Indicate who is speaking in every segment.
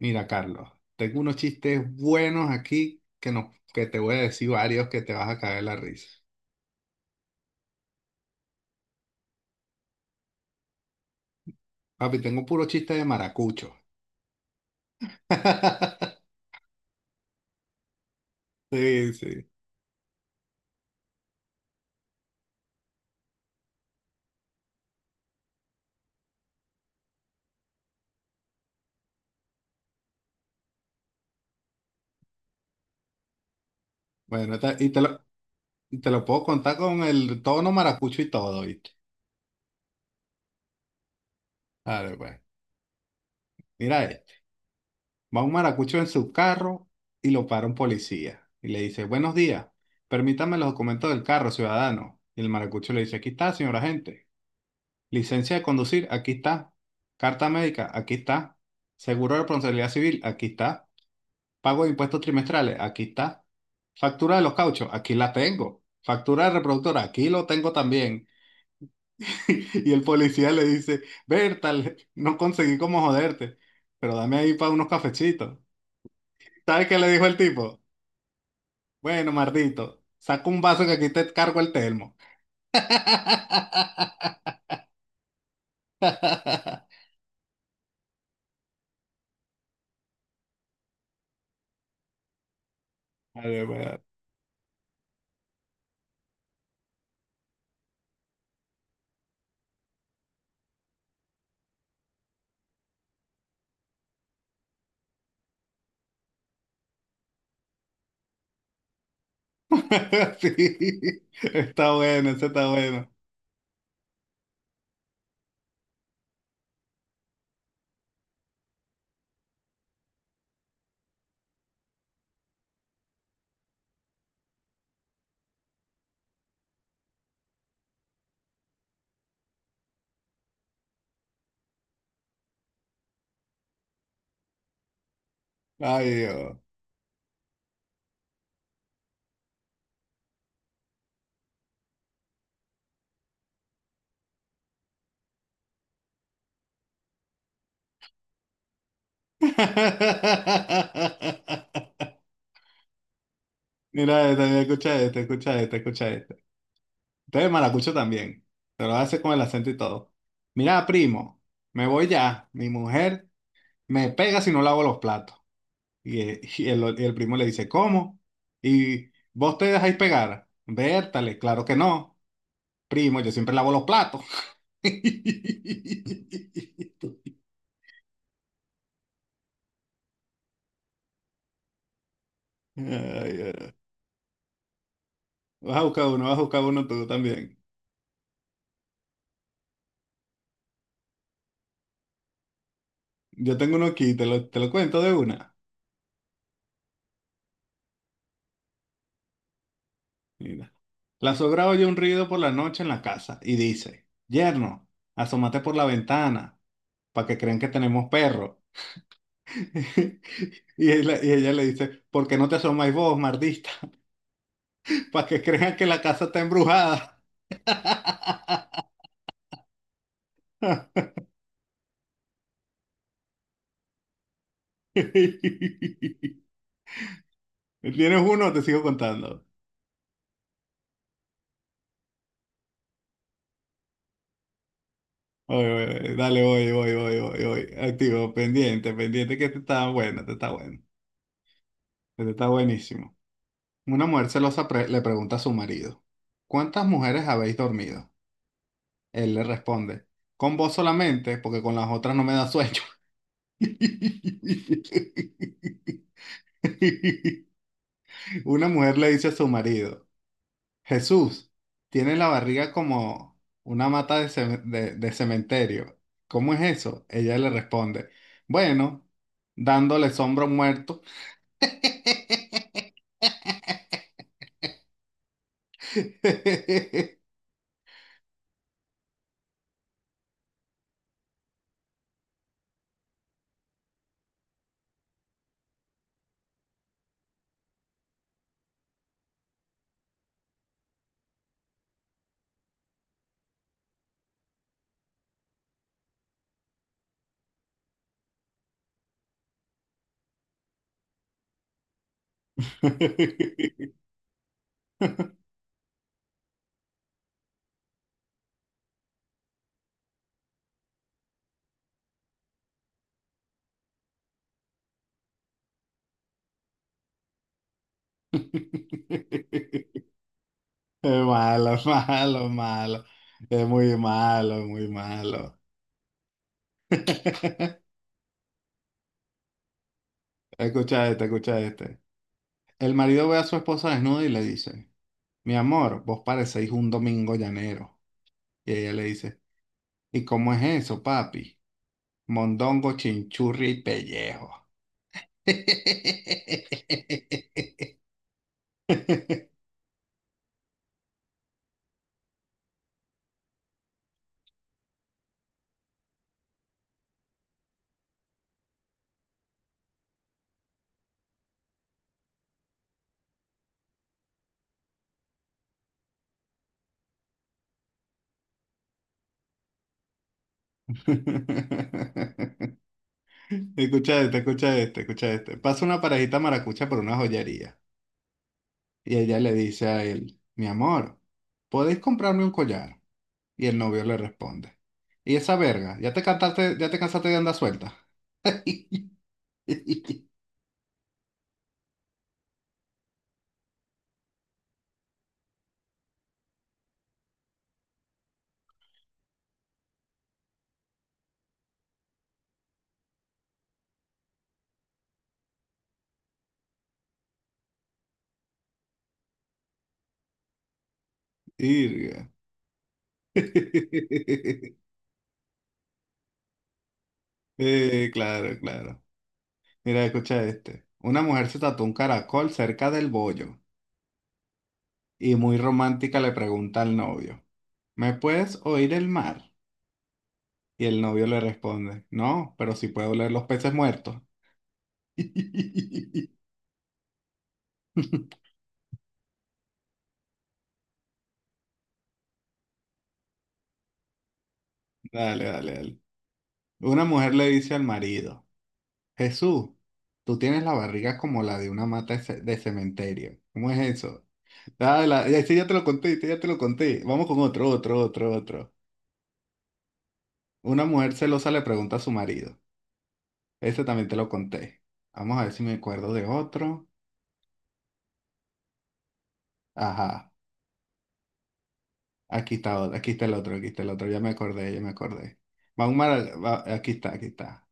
Speaker 1: Mira, Carlos, tengo unos chistes buenos aquí que, no, que te voy a decir varios que te vas a caer la risa. Papi, tengo puro chiste de maracucho. Sí, sí. Bueno, y te lo puedo contar con el tono maracucho y todo, ¿viste? Dale, pues. Mira este. Va un maracucho en su carro y lo para un policía. Y le dice, buenos días, permítame los documentos del carro, ciudadano. Y el maracucho le dice, aquí está, señor agente. Licencia de conducir, aquí está. Carta médica, aquí está. Seguro de responsabilidad civil, aquí está. Pago de impuestos trimestrales, aquí está. Factura de los cauchos, aquí la tengo. Factura de reproductora, aquí lo tengo también. Y el policía le dice, Berta, no conseguí cómo joderte, pero dame ahí para unos cafecitos. ¿Sabes qué le dijo el tipo? Bueno, mardito, saca un vaso que aquí te cargo el termo. Ay, de verdad. Sí, está bueno, ese está bueno. Ay, Dios. Mira esta, mira, escucha esta, escucha esta, escucha esta. Este es maracucho también. Te lo hace con el acento y todo. Mira, primo, me voy ya. Mi mujer me pega si no lavo los platos. Y, y el primo le dice, ¿cómo? ¿Y vos te dejáis pegar? Vértale, claro que no. Primo, yo siempre lavo los platos. Ay, ay. Vas a buscar uno, vas a buscar uno tú también. Yo tengo uno aquí, te lo cuento de una. Mira. La sogra oye un ruido por la noche en la casa y dice, Yerno, asómate por la ventana para que crean que tenemos perro. Y ella le dice, ¿por qué no te asomáis vos, mardista? Para que crean que la casa está embrujada. ¿Tienes uno o te sigo contando? Oye, oye, dale, oye, oye, oye, oye, oye. Activo, pendiente, pendiente, que este está bueno, este está bueno. Este está buenísimo. Una mujer celosa le pregunta a su marido, ¿cuántas mujeres habéis dormido? Él le responde, con vos solamente, porque con las otras no me da sueño. Una mujer le dice a su marido, Jesús, tienes la barriga como una mata de, de cementerio. ¿Cómo es eso? Ella le responde, bueno, dándole sombra a un muerto. Es malo, malo, malo. Es muy malo, muy malo. Escucha este, escucha este. El marido ve a su esposa desnuda y le dice, mi amor, vos parecéis un domingo llanero. Y ella le dice, ¿y cómo es eso, papi? Mondongo, chinchurria y pellejo. Escucha este, escucha este, escucha este. Pasa una parejita maracucha por una joyería y ella le dice a él, mi amor, ¿podéis comprarme un collar? Y el novio le responde, ¿y esa verga? ¿Ya te cantaste, ya te cansaste de andar suelta? Irga. Claro, claro. Mira, escucha este. Una mujer se tatuó un caracol cerca del bollo y muy romántica le pregunta al novio, ¿me puedes oír el mar? Y el novio le responde, no, pero sí puedo oler los peces muertos. Dale, dale, dale. Una mujer le dice al marido. Jesús, tú tienes la barriga como la de una mata de de cementerio. ¿Cómo es eso? Ah, ya sí, ya te lo conté, sí, ya te lo conté. Vamos con otro, otro, otro, otro. Una mujer celosa le pregunta a su marido. Ese también te lo conté. Vamos a ver si me acuerdo de otro. Ajá, aquí está, otro, aquí está el otro, aquí está el otro. Ya me acordé, ya me acordé. Va un mara- va- aquí está, aquí está.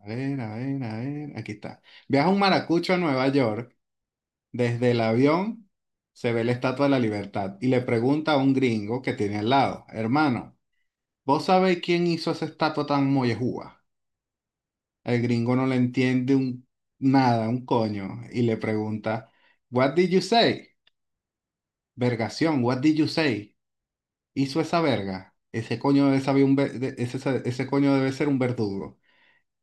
Speaker 1: A ver, a ver, a ver, aquí está. Viaja un maracucho a Nueva York. Desde el avión se ve la Estatua de la Libertad y le pregunta a un gringo que tiene al lado, hermano, ¿vos sabéis quién hizo esa estatua tan mollejúa? El gringo no le entiende nada, un coño, y le pregunta, What did you say? Vergación, what did you say? ¿Hizo esa verga? Ese coño debe saber ese, ese coño debe ser un verdugo.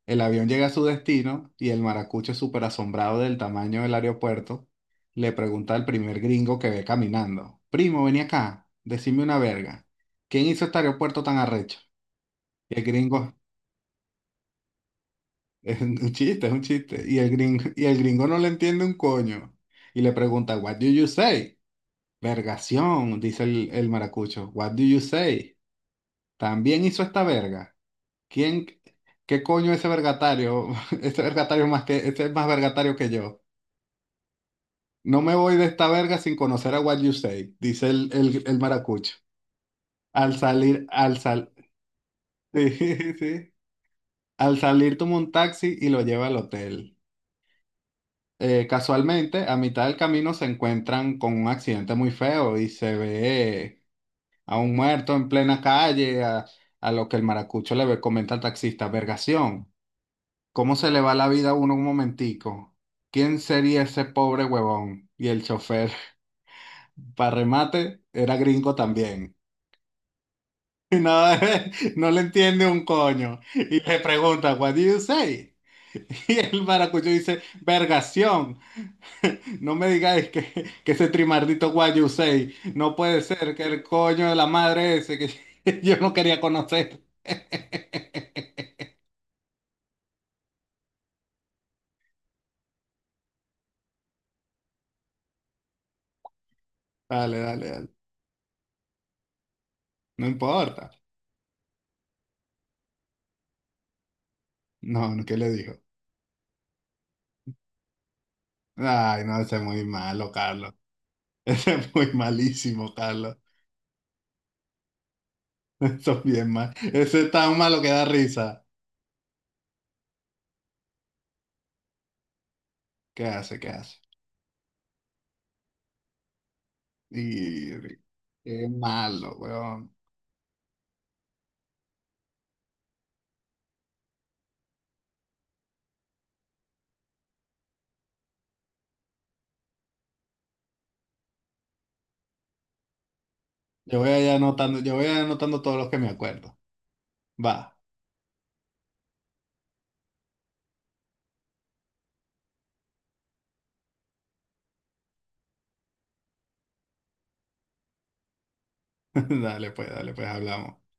Speaker 1: El avión llega a su destino y el maracucho, súper asombrado del tamaño del aeropuerto, le pregunta al primer gringo que ve caminando: Primo, vení acá, decime una verga. ¿Quién hizo este aeropuerto tan arrecho? Y el gringo, es un chiste, es un chiste. Y el gringo no le entiende un coño. Y le pregunta: What do you say? Vergación, dice el maracucho. What do you say? También hizo esta verga. ¿Quién, ¿qué coño ese vergatario? Ese vergatario más que, ese es más vergatario que yo. No me voy de esta verga sin conocer a What You Say, dice el maracucho. Al salir, al sal, sí, sí. Al salir toma un taxi y lo lleva al hotel. Casualmente, a mitad del camino se encuentran con un accidente muy feo y se ve a un muerto en plena calle, a lo que el maracucho comenta al taxista, vergación, ¿cómo se le va la vida a uno un momentico? ¿Quién sería ese pobre huevón? Y el chofer, para remate, era gringo también. Y no, no le entiende un coño. Y le pregunta, What do you say? Y el maracucho dice, Vergación. No me digáis que ese trimardito What you say. No puede ser que el coño de la madre ese que yo no quería conocer. Dale, dale, dale. No importa. No, no, ¿qué le dijo? Ay, no, ese es muy malo, Carlos. Ese es muy malísimo, Carlos. Eso es bien mal. Ese es tan malo que da risa. ¿Qué hace? ¿Qué hace? Y qué malo, weón. Yo voy a ir anotando, yo voy a ir anotando todos los que me acuerdo. Va. Dale, pues, hablamos.